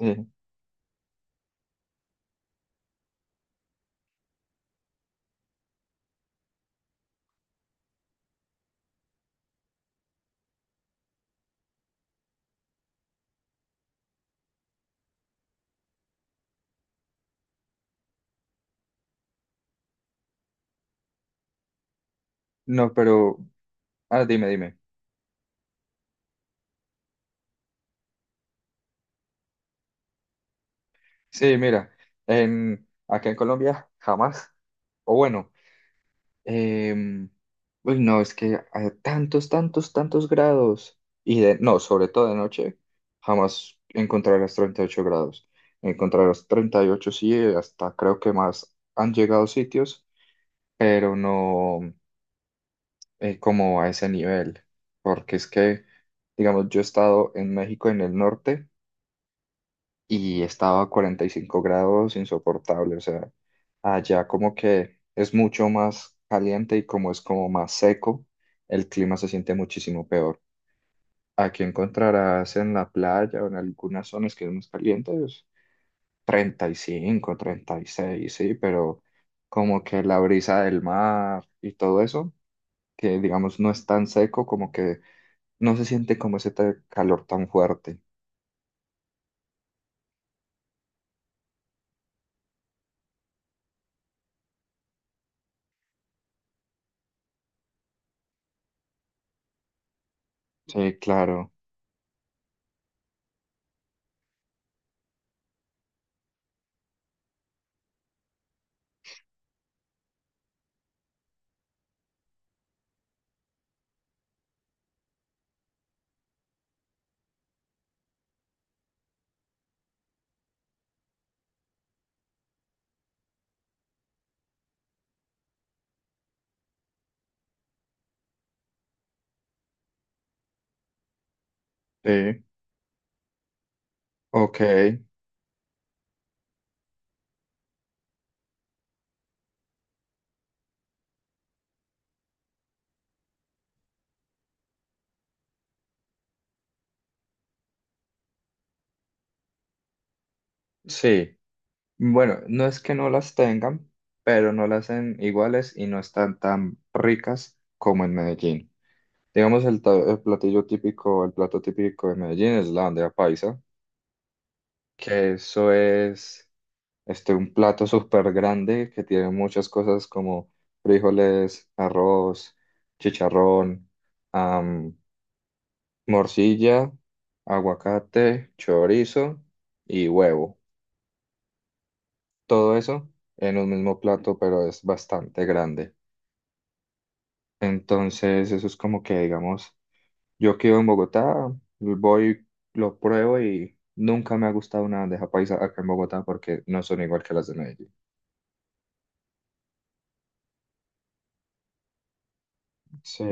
Eh, no, pero, ah, dime, dime. Sí, mira, acá en Colombia jamás, o bueno, em, uy, no, es que a tantos, tantos, tantos grados, no, sobre todo de noche, jamás encontrarás 38 grados. Encontrarás 38 sí, hasta creo que más han llegado sitios, pero no como a ese nivel, porque es que, digamos, yo he estado en México en el norte, y estaba a 45 grados insoportable, o sea, allá como que es mucho más caliente y como es como más seco, el clima se siente muchísimo peor. Aquí encontrarás en la playa o en algunas zonas que es más caliente, es 35, 36 sí, pero como que la brisa del mar y todo eso, que digamos no es tan seco, como que no se siente como ese calor tan fuerte. Sí, claro. Sí, ok, sí. Bueno, no es que no las tengan, pero no las hacen iguales y no están tan ricas como en Medellín. Digamos, el platillo típico, el plato típico de Medellín es la bandeja paisa, que eso es este, un plato súper grande que tiene muchas cosas como frijoles, arroz, chicharrón, am, morcilla, aguacate, chorizo y huevo. Todo eso en un mismo plato, pero es bastante grande. Entonces, eso es como que, digamos, yo que vivo en Bogotá, voy, lo pruebo y nunca me ha gustado una bandeja paisa acá en Bogotá porque no son igual que las de Medellín. Sí,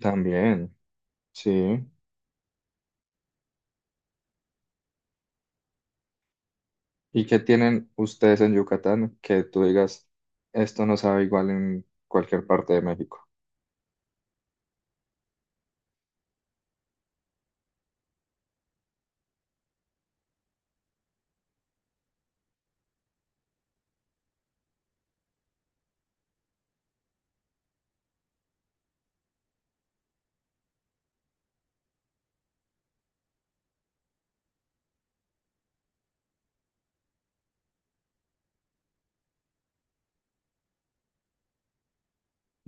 también, sí. ¿Y qué tienen ustedes en Yucatán que tú digas, esto no sabe igual en cualquier parte de México?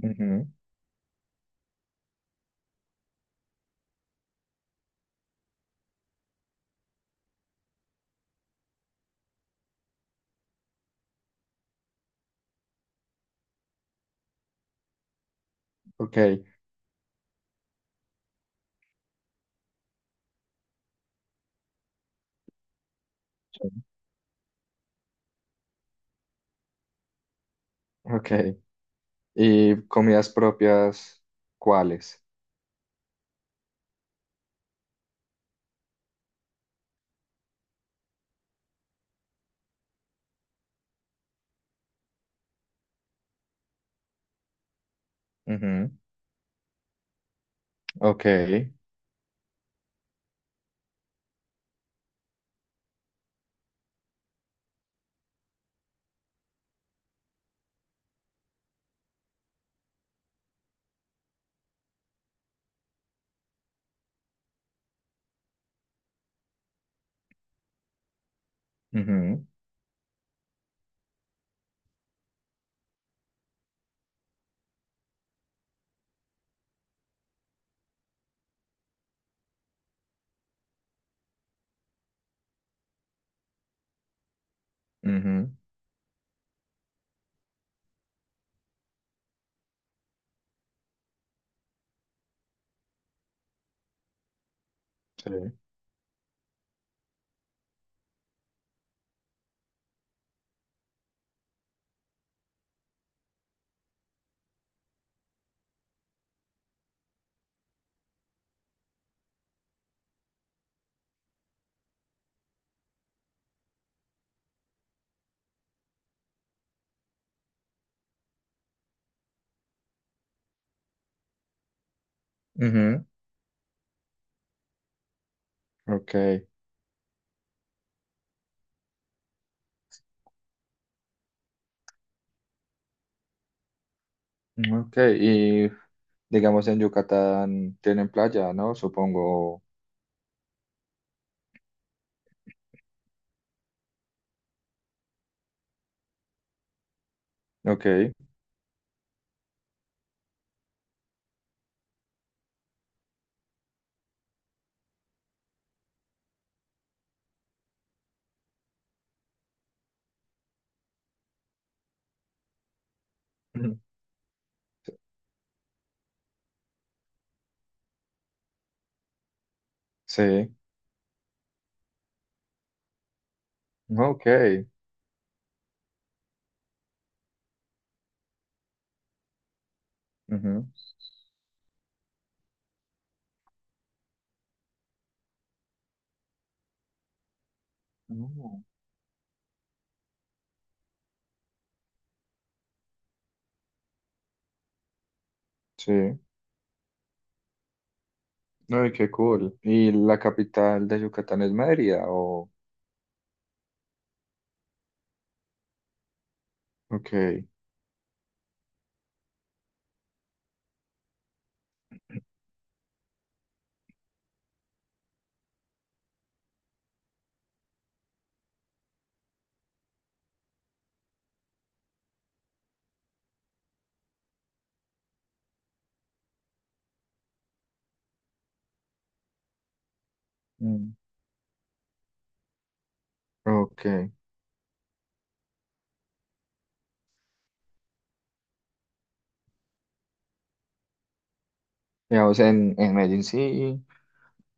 Ujú, ok, ok. ¿Y comidas propias, cuáles? Ujú, ok, ujú, ujú, sí, ujú, ok. Ok, y digamos en Yucatán tienen playa, ¿no? Supongo. Ok. Ujú. Sí. Ok. Ujú. Mm, sí. Ay, qué cool. ¿Y la capital de Yucatán es Mérida o...? Ok. Mm, ok. Digamos en Medellín sí.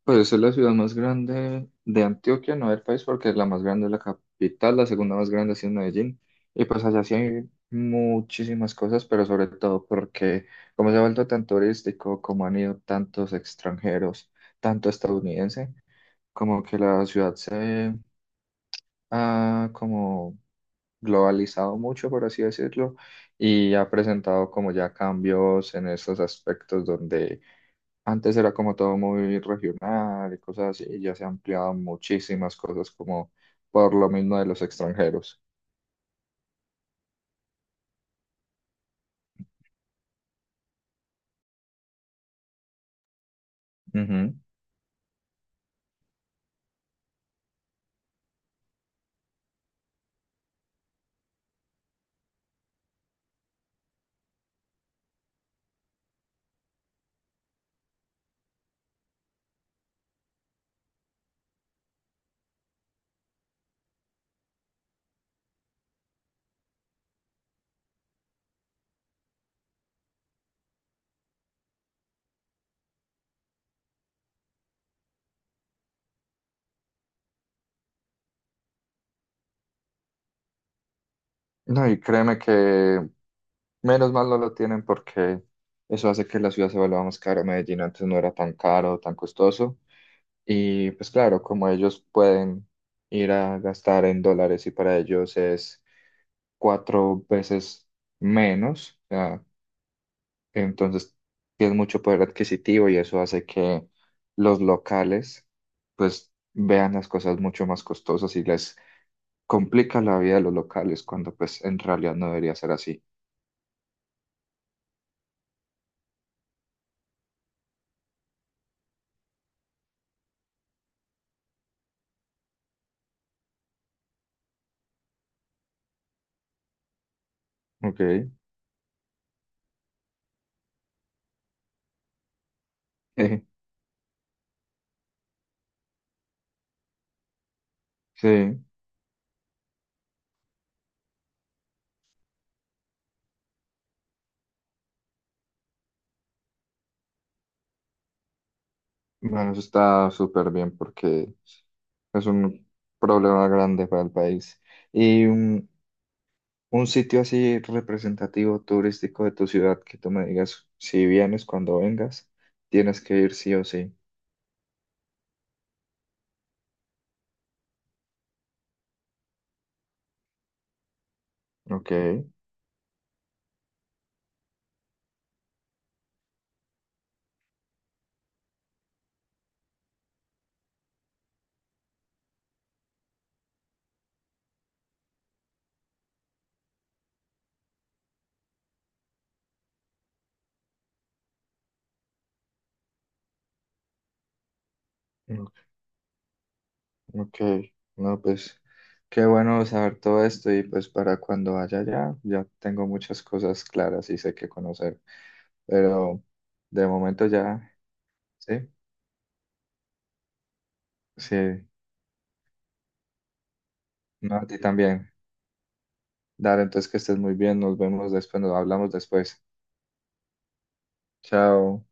Pues es la ciudad más grande de Antioquia, no del país, porque la más grande es la capital, la segunda más grande sí es Medellín. Y pues allá sí hay muchísimas cosas, pero sobre todo porque como se ha vuelto tan turístico, como han ido tantos extranjeros, tanto estadounidense, como que la ciudad se ha como globalizado mucho, por así decirlo, y ha presentado como ya cambios en esos aspectos donde antes era como todo muy regional y cosas así, y ya se han ampliado muchísimas cosas como por lo mismo de los extranjeros. Ujú. No, y créeme que menos mal no lo tienen porque eso hace que la ciudad se vuelva más cara. Medellín antes no era tan caro, tan costoso. Y pues claro, como ellos pueden ir a gastar en dólares y para ellos es cuatro veces menos, o sea, entonces, tienes mucho poder adquisitivo y eso hace que los locales, pues, vean las cosas mucho más costosas y les complica la vida a los locales cuando, pues, en realidad no debería ser así. Ok. Eh, sí. Bueno, eso está súper bien porque es un problema grande para el país. Y un sitio así representativo turístico de tu ciudad que tú me digas, si vienes cuando vengas, tienes que ir sí o sí. Ok. Ok, no, pues qué bueno saber todo esto y pues para cuando vaya allá ya tengo muchas cosas claras y sé qué conocer, pero de momento ya, sí, sí, no, a ti también. Dale, entonces que estés muy bien, nos vemos después, nos hablamos después. Chao.